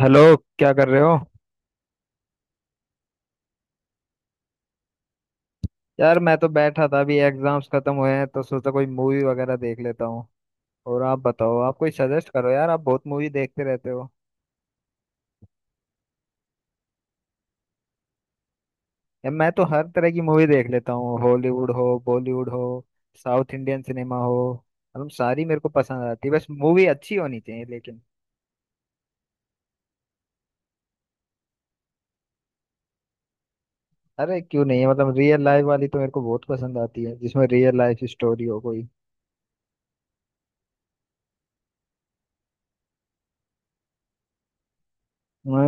Hello. क्या कर रहे हो? यार मैं तो बैठा था, अभी एग्जाम्स खत्म हुए हैं तो सोचा कोई मूवी वगैरह देख लेता हूँ। और आप बताओ, आप कोई सजेस्ट करो यार, आप बहुत मूवी देखते रहते हो। यार मैं तो हर तरह की मूवी देख लेता हूँ, हॉलीवुड हो, बॉलीवुड हो, साउथ इंडियन सिनेमा हो, मतलब सारी मेरे को पसंद आती है, बस मूवी अच्छी होनी चाहिए लेकिन। अरे क्यों नहीं है, मतलब रियल लाइफ वाली तो मेरे को बहुत पसंद आती है, जिसमें रियल लाइफ स्टोरी हो कोई।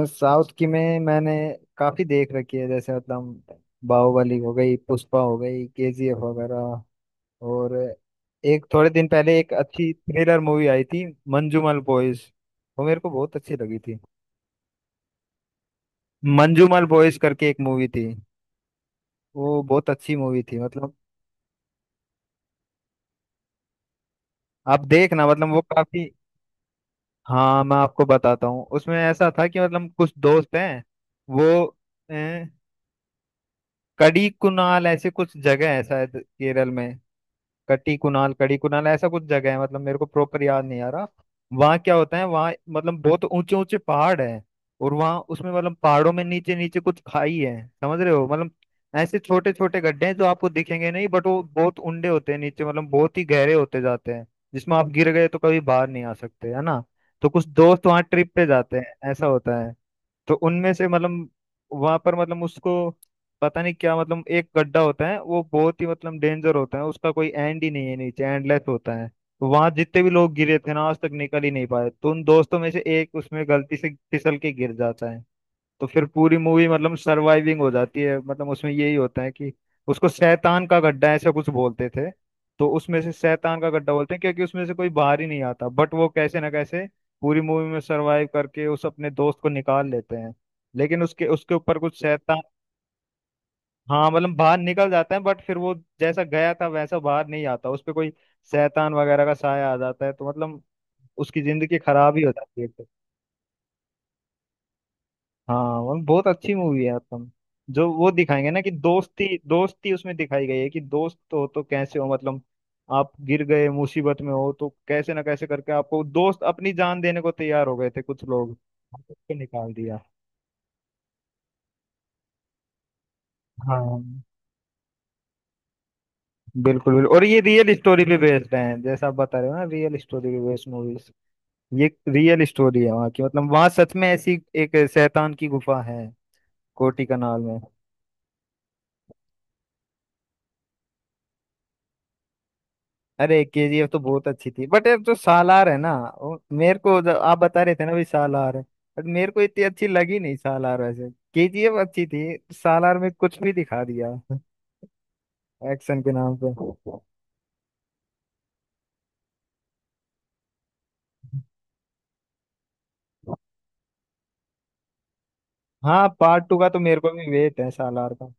साउथ की में मैंने काफी देख रखी है, जैसे मतलब बाहुबली हो गई, पुष्पा हो गई, केजीएफ वगैरह। और एक थोड़े दिन पहले एक अच्छी थ्रिलर मूवी आई थी, मंजूमल बॉयज, वो मेरे को बहुत अच्छी लगी थी। मंजूमल बॉयज करके एक मूवी थी, वो बहुत अच्छी मूवी थी मतलब। आप देखना, मतलब वो काफी। हाँ मैं आपको बताता हूँ, उसमें ऐसा था कि मतलब कुछ दोस्त हैं, वो अ, कड़ी कुनाल ऐसे कुछ जगह है शायद केरल में। कटी कुणाल, कड़ी कुणाल, ऐसा कुछ जगह है, मतलब मेरे को प्रॉपर याद नहीं आ रहा। वहाँ क्या होता है, वहाँ मतलब बहुत ऊंचे ऊंचे पहाड़ है, और वहाँ उसमें मतलब पहाड़ों में नीचे नीचे कुछ खाई है, समझ रहे हो मतलब। ऐसे छोटे छोटे गड्ढे हैं जो आपको दिखेंगे नहीं, बट वो बहुत उंडे होते हैं नीचे, मतलब बहुत ही गहरे होते जाते हैं, जिसमें आप गिर गए तो कभी बाहर नहीं आ सकते, है ना? तो कुछ दोस्त वहाँ ट्रिप पे जाते हैं, ऐसा होता है। तो उनमें से मतलब, वहां पर मतलब उसको पता नहीं क्या, मतलब एक गड्ढा होता है वो बहुत ही मतलब डेंजर होता है, उसका कोई एंड ही नहीं है नीचे, एंडलेस होता है, तो वहां जितने भी लोग गिरे थे ना आज तक निकल ही नहीं पाए, तो उन दोस्तों में से एक उसमें गलती से फिसल के गिर जाता है। तो फिर पूरी मूवी मतलब सरवाइविंग हो जाती है, मतलब उसमें यही होता है कि उसको शैतान का गड्ढा ऐसा कुछ बोलते थे। तो उसमें से शैतान का गड्ढा बोलते हैं क्योंकि उसमें से कोई बाहर ही नहीं आता, बट वो कैसे ना कैसे पूरी मूवी में सरवाइव करके उस अपने दोस्त को निकाल लेते हैं। लेकिन उसके उसके ऊपर कुछ शैतान। हाँ मतलब बाहर निकल जाते हैं, बट फिर वो जैसा गया था वैसा बाहर नहीं आता, उस पे कोई शैतान वगैरह का साया आ जाता है, तो मतलब उसकी जिंदगी खराब ही हो जाती है। हाँ वो बहुत अच्छी मूवी है। आत्म, जो वो दिखाएंगे ना कि दोस्ती, दोस्ती उसमें दिखाई गई है कि दोस्त हो तो कैसे हो, मतलब आप गिर गए, मुसीबत में हो, तो कैसे ना कैसे करके आपको दोस्त अपनी जान देने को तैयार हो गए थे कुछ लोग, उसको निकाल दिया। हाँ बिल्कुल बिल्कुल, और ये रियल स्टोरी पे बेस्ड है, जैसा आप बता रहे हो ना, रियल स्टोरी पे बेस्ड मूवीज, ये रियल स्टोरी है वहाँ की, मतलब वहाँ सच में ऐसी एक शैतान की गुफा है, कोटी कनाल में। अरे केजीएफ तो बहुत अच्छी थी, बट यार जो सालार है ना, वो मेरे को, जो आप बता रहे थे ना भी सालार है, बट मेरे को इतनी अच्छी लगी नहीं सालार। वैसे केजीएफ अच्छी थी, सालार में कुछ भी दिखा दिया एक्शन के नाम पे। हाँ पार्ट टू का तो मेरे को भी वेट है सालार का।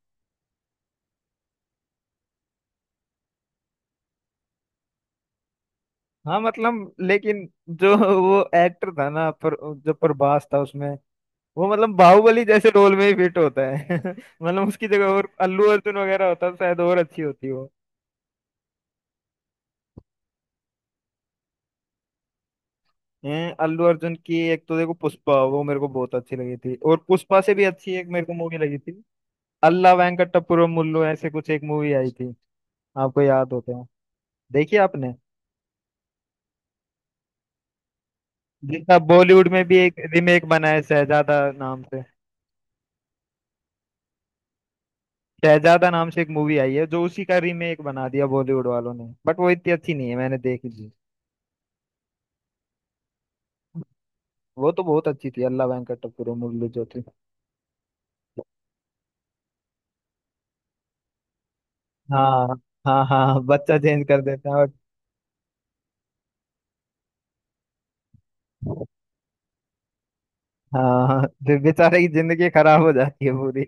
हाँ मतलब, लेकिन जो वो एक्टर था ना, पर जो प्रभास था उसमें, वो मतलब बाहुबली जैसे रोल में ही फिट होता है मतलब उसकी जगह और अल्लू अर्जुन वगैरह होता तो शायद और अच्छी होती वो। हैं अल्लू अर्जुन की एक तो देखो पुष्पा, वो मेरे को बहुत अच्छी लगी थी, और पुष्पा से भी अच्छी एक मेरे को मूवी लगी थी, अल्ला वेंकटपुरम मुल्लू ऐसे कुछ एक मूवी आई थी, आपको याद होते हो, देखिए आपने। जिसका बॉलीवुड में भी एक रीमेक बना है शहजादा नाम से। शहजादा नाम से एक मूवी आई है जो उसी का रीमेक बना दिया बॉलीवुड वालों ने, बट वो इतनी अच्छी नहीं है, मैंने देखी थी। वो तो बहुत अच्छी थी अल्ला वेंकटपुरम मुल्लू जो थी। हाँ हाँ हाँ, बच्चा चेंज कर देता है। हाँ फिर बेचारे की जिंदगी खराब हो जाती है पूरी,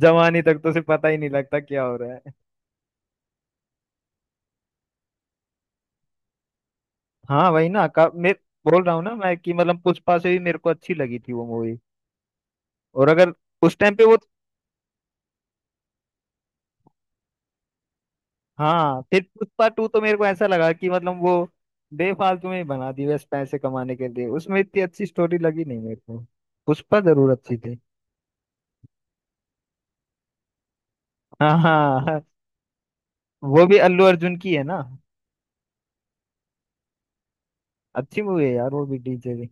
जवानी तक तो उसे पता ही नहीं लगता क्या हो रहा है। हाँ वही ना मैं बोल रहा हूँ ना मैं कि मतलब पुष्पा से भी मेरे को अच्छी लगी थी वो मूवी, और अगर उस टाइम पे वो। हाँ फिर पुष्पा टू तो मेरे को ऐसा लगा कि मतलब वो बेफालतू में ही बना दी, बस पैसे कमाने के लिए, उसमें इतनी अच्छी स्टोरी लगी नहीं मेरे को। पुष्पा जरूर अच्छी थी। हाँ हाँ, वो भी अल्लू अर्जुन की है ना। अच्छी मूवी है यार, वो भी डीजे भी,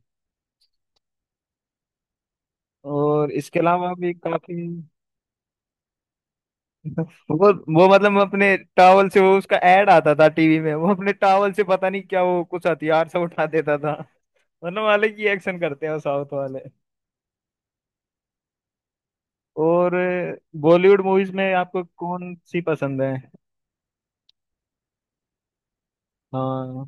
और इसके अलावा भी काफी। वो मतलब, मैं अपने टावल से, वो उसका एड आता था टीवी में, वो अपने टावल से पता नहीं क्या, वो कुछ हथियार से उठा देता था। मतलब अलग ही एक्शन करते हैं वो साउथ वाले। और बॉलीवुड मूवीज में आपको कौन सी पसंद है? हाँ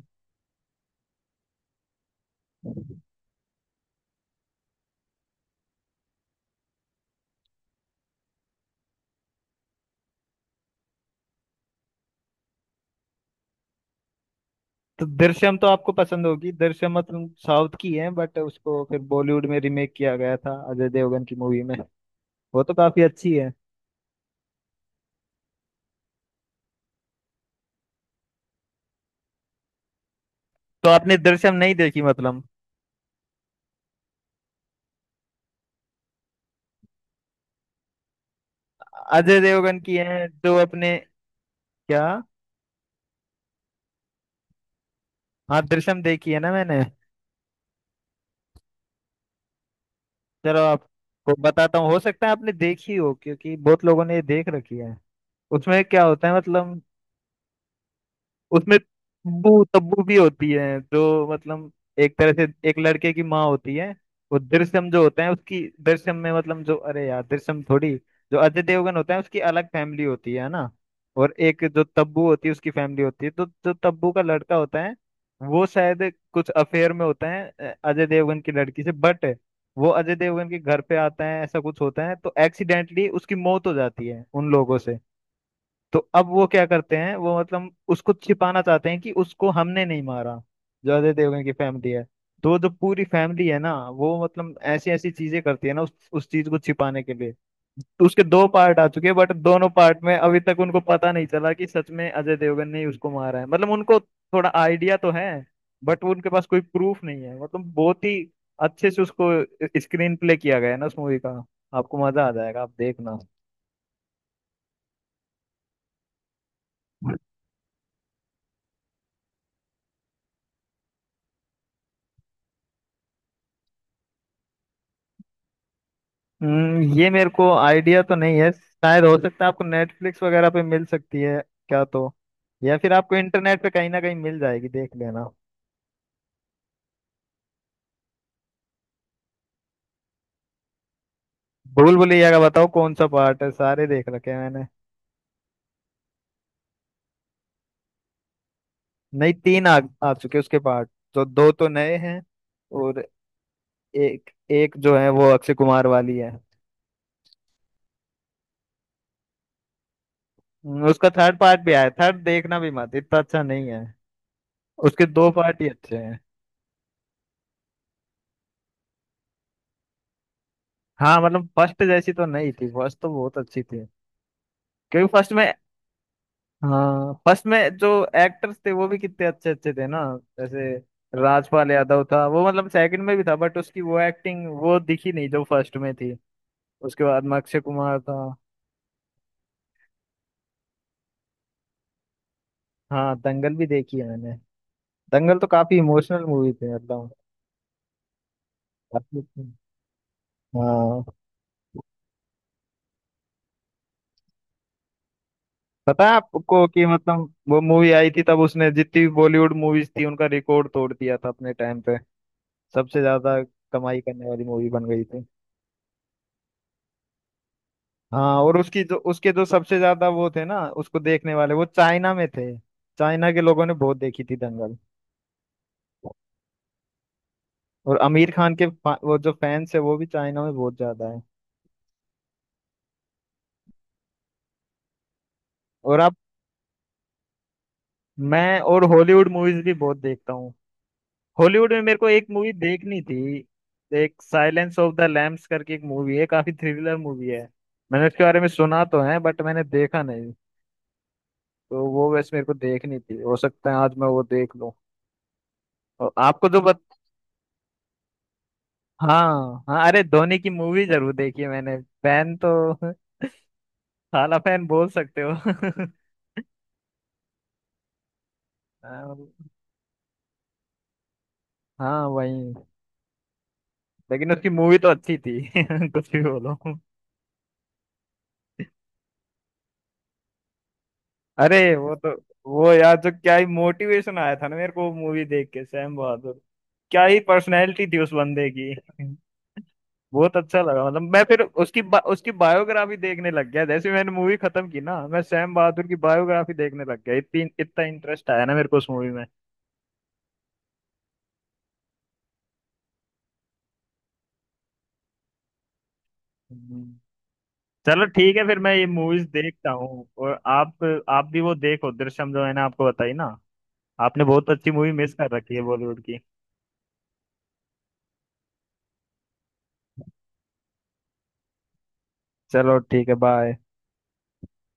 तो दृश्यम तो आपको पसंद होगी, दृश्यम मतलब साउथ की है, बट उसको फिर बॉलीवुड में रीमेक किया गया था अजय देवगन की मूवी में, वो तो काफी अच्छी है। तो आपने दृश्यम नहीं देखी मतलब? अजय देवगन की है जो अपने। क्या? हाँ दृश्यम देखी है ना मैंने। चलो आपको बताता हूँ, हो सकता है आपने देखी हो क्योंकि बहुत लोगों ने ये देख रखी है। उसमें क्या होता है मतलब, उसमें तब्बू तब्बू भी होती है जो, मतलब एक तरह से एक लड़के की माँ होती है। वो दृश्यम जो होते हैं उसकी दृश्यम में, मतलब जो, अरे यार दृश्यम थोड़ी, जो अजय देवगन होता है उसकी अलग फैमिली होती है ना, और एक जो तब्बू होती है उसकी फैमिली होती है, तो जो तब्बू का लड़का होता है, वो शायद कुछ अफेयर में होता है अजय देवगन की लड़की से, बट वो अजय देवगन के घर पे आता है, ऐसा कुछ होता है, तो एक्सीडेंटली उसकी मौत हो जाती है उन लोगों से। तो अब वो क्या करते हैं, वो मतलब उसको छिपाना चाहते हैं कि उसको हमने नहीं मारा, जो अजय देवगन की फैमिली है। तो जो पूरी फैमिली है ना, वो मतलब ऐसी ऐसी चीजें करती है ना उस चीज को छिपाने के लिए। तो उसके दो पार्ट आ चुके हैं, बट दोनों पार्ट में अभी तक उनको पता नहीं चला कि सच में अजय देवगन ने ही उसको मारा है, मतलब उनको थोड़ा आइडिया तो है, बट उनके पास कोई प्रूफ नहीं है, मतलब बहुत ही अच्छे से उसको स्क्रीन प्ले किया गया है ना उस मूवी का, आपको मजा आ जाएगा, आप देखना। ये मेरे को आइडिया तो नहीं है, शायद हो सकता है आपको नेटफ्लिक्स वगैरह पे मिल सकती है क्या तो, या फिर आपको इंटरनेट पे कहीं ना कहीं मिल जाएगी, देख लेना। भूल भुलैया का बताओ कौन सा पार्ट है, सारे देख रखे हैं मैंने। नहीं तीन आ चुके उसके पार्ट, तो दो तो नए हैं, और एक एक जो है वो अक्षय कुमार वाली है। उसका थर्ड पार्ट भी आया, थर्ड देखना भी मत, इतना अच्छा नहीं है, उसके दो पार्ट ही अच्छे हैं। हाँ मतलब फर्स्ट जैसी तो नहीं थी, फर्स्ट तो बहुत अच्छी थी क्योंकि फर्स्ट में, हाँ फर्स्ट में जो एक्टर्स थे वो भी कितने अच्छे अच्छे थे ना, जैसे राजपाल यादव था वो, मतलब सेकंड में भी था बट उसकी वो एक्टिंग वो दिखी नहीं जो फर्स्ट में थी। उसके बाद में अक्षय कुमार था। हाँ दंगल भी देखी है मैंने। दंगल तो काफी इमोशनल मूवी थी मतलब, काफी अच्छी। हाँ, पता है आपको कि मतलब वो मूवी आई थी तब उसने जितनी भी बॉलीवुड मूवीज थी उनका रिकॉर्ड तोड़ दिया था अपने टाइम पे, सबसे ज्यादा कमाई करने वाली मूवी बन गई थी। हाँ, और उसकी जो, उसके जो सबसे ज्यादा वो थे ना उसको देखने वाले, वो चाइना में थे, चाइना के लोगों ने बहुत देखी थी दंगल। और आमिर खान के वो जो फैंस है वो भी चाइना में बहुत ज्यादा है। और अब मैं और हॉलीवुड मूवीज भी बहुत देखता हूँ। हॉलीवुड में मेरे को एक मूवी देखनी थी, एक साइलेंस ऑफ द लैम्स करके एक मूवी है, काफी थ्रिलर मूवी है, मैंने उसके बारे में सुना तो है बट मैंने देखा नहीं, तो वो वैसे मेरे को देखनी थी, हो सकता है आज मैं वो देख लूँ। और आपको जो। हाँ हाँ, अरे धोनी की मूवी जरूर देखी है मैंने। फैन तो साला फैन बोल सकते हो हाँ वही, लेकिन उसकी मूवी तो अच्छी थी कुछ भी बोलो। अरे वो तो, वो यार जो क्या ही मोटिवेशन आया था ना मेरे को मूवी देख के सैम बहादुर, क्या ही पर्सनैलिटी थी उस बंदे की बहुत अच्छा लगा मतलब, मैं फिर उसकी उसकी बायोग्राफी देखने लग गया, जैसे मैंने मूवी खत्म की ना मैं सैम बहादुर की बायोग्राफी देखने लग गया, इतनी इतना इंटरेस्ट आया ना मेरे को उस मूवी में। चलो ठीक है फिर मैं ये मूवीज देखता हूँ, और आप भी वो देखो दृश्यम जो मैंने आपको बताई ना, आपने बहुत अच्छी मूवी मिस कर रखी है बॉलीवुड की। चलो ठीक है, बाय।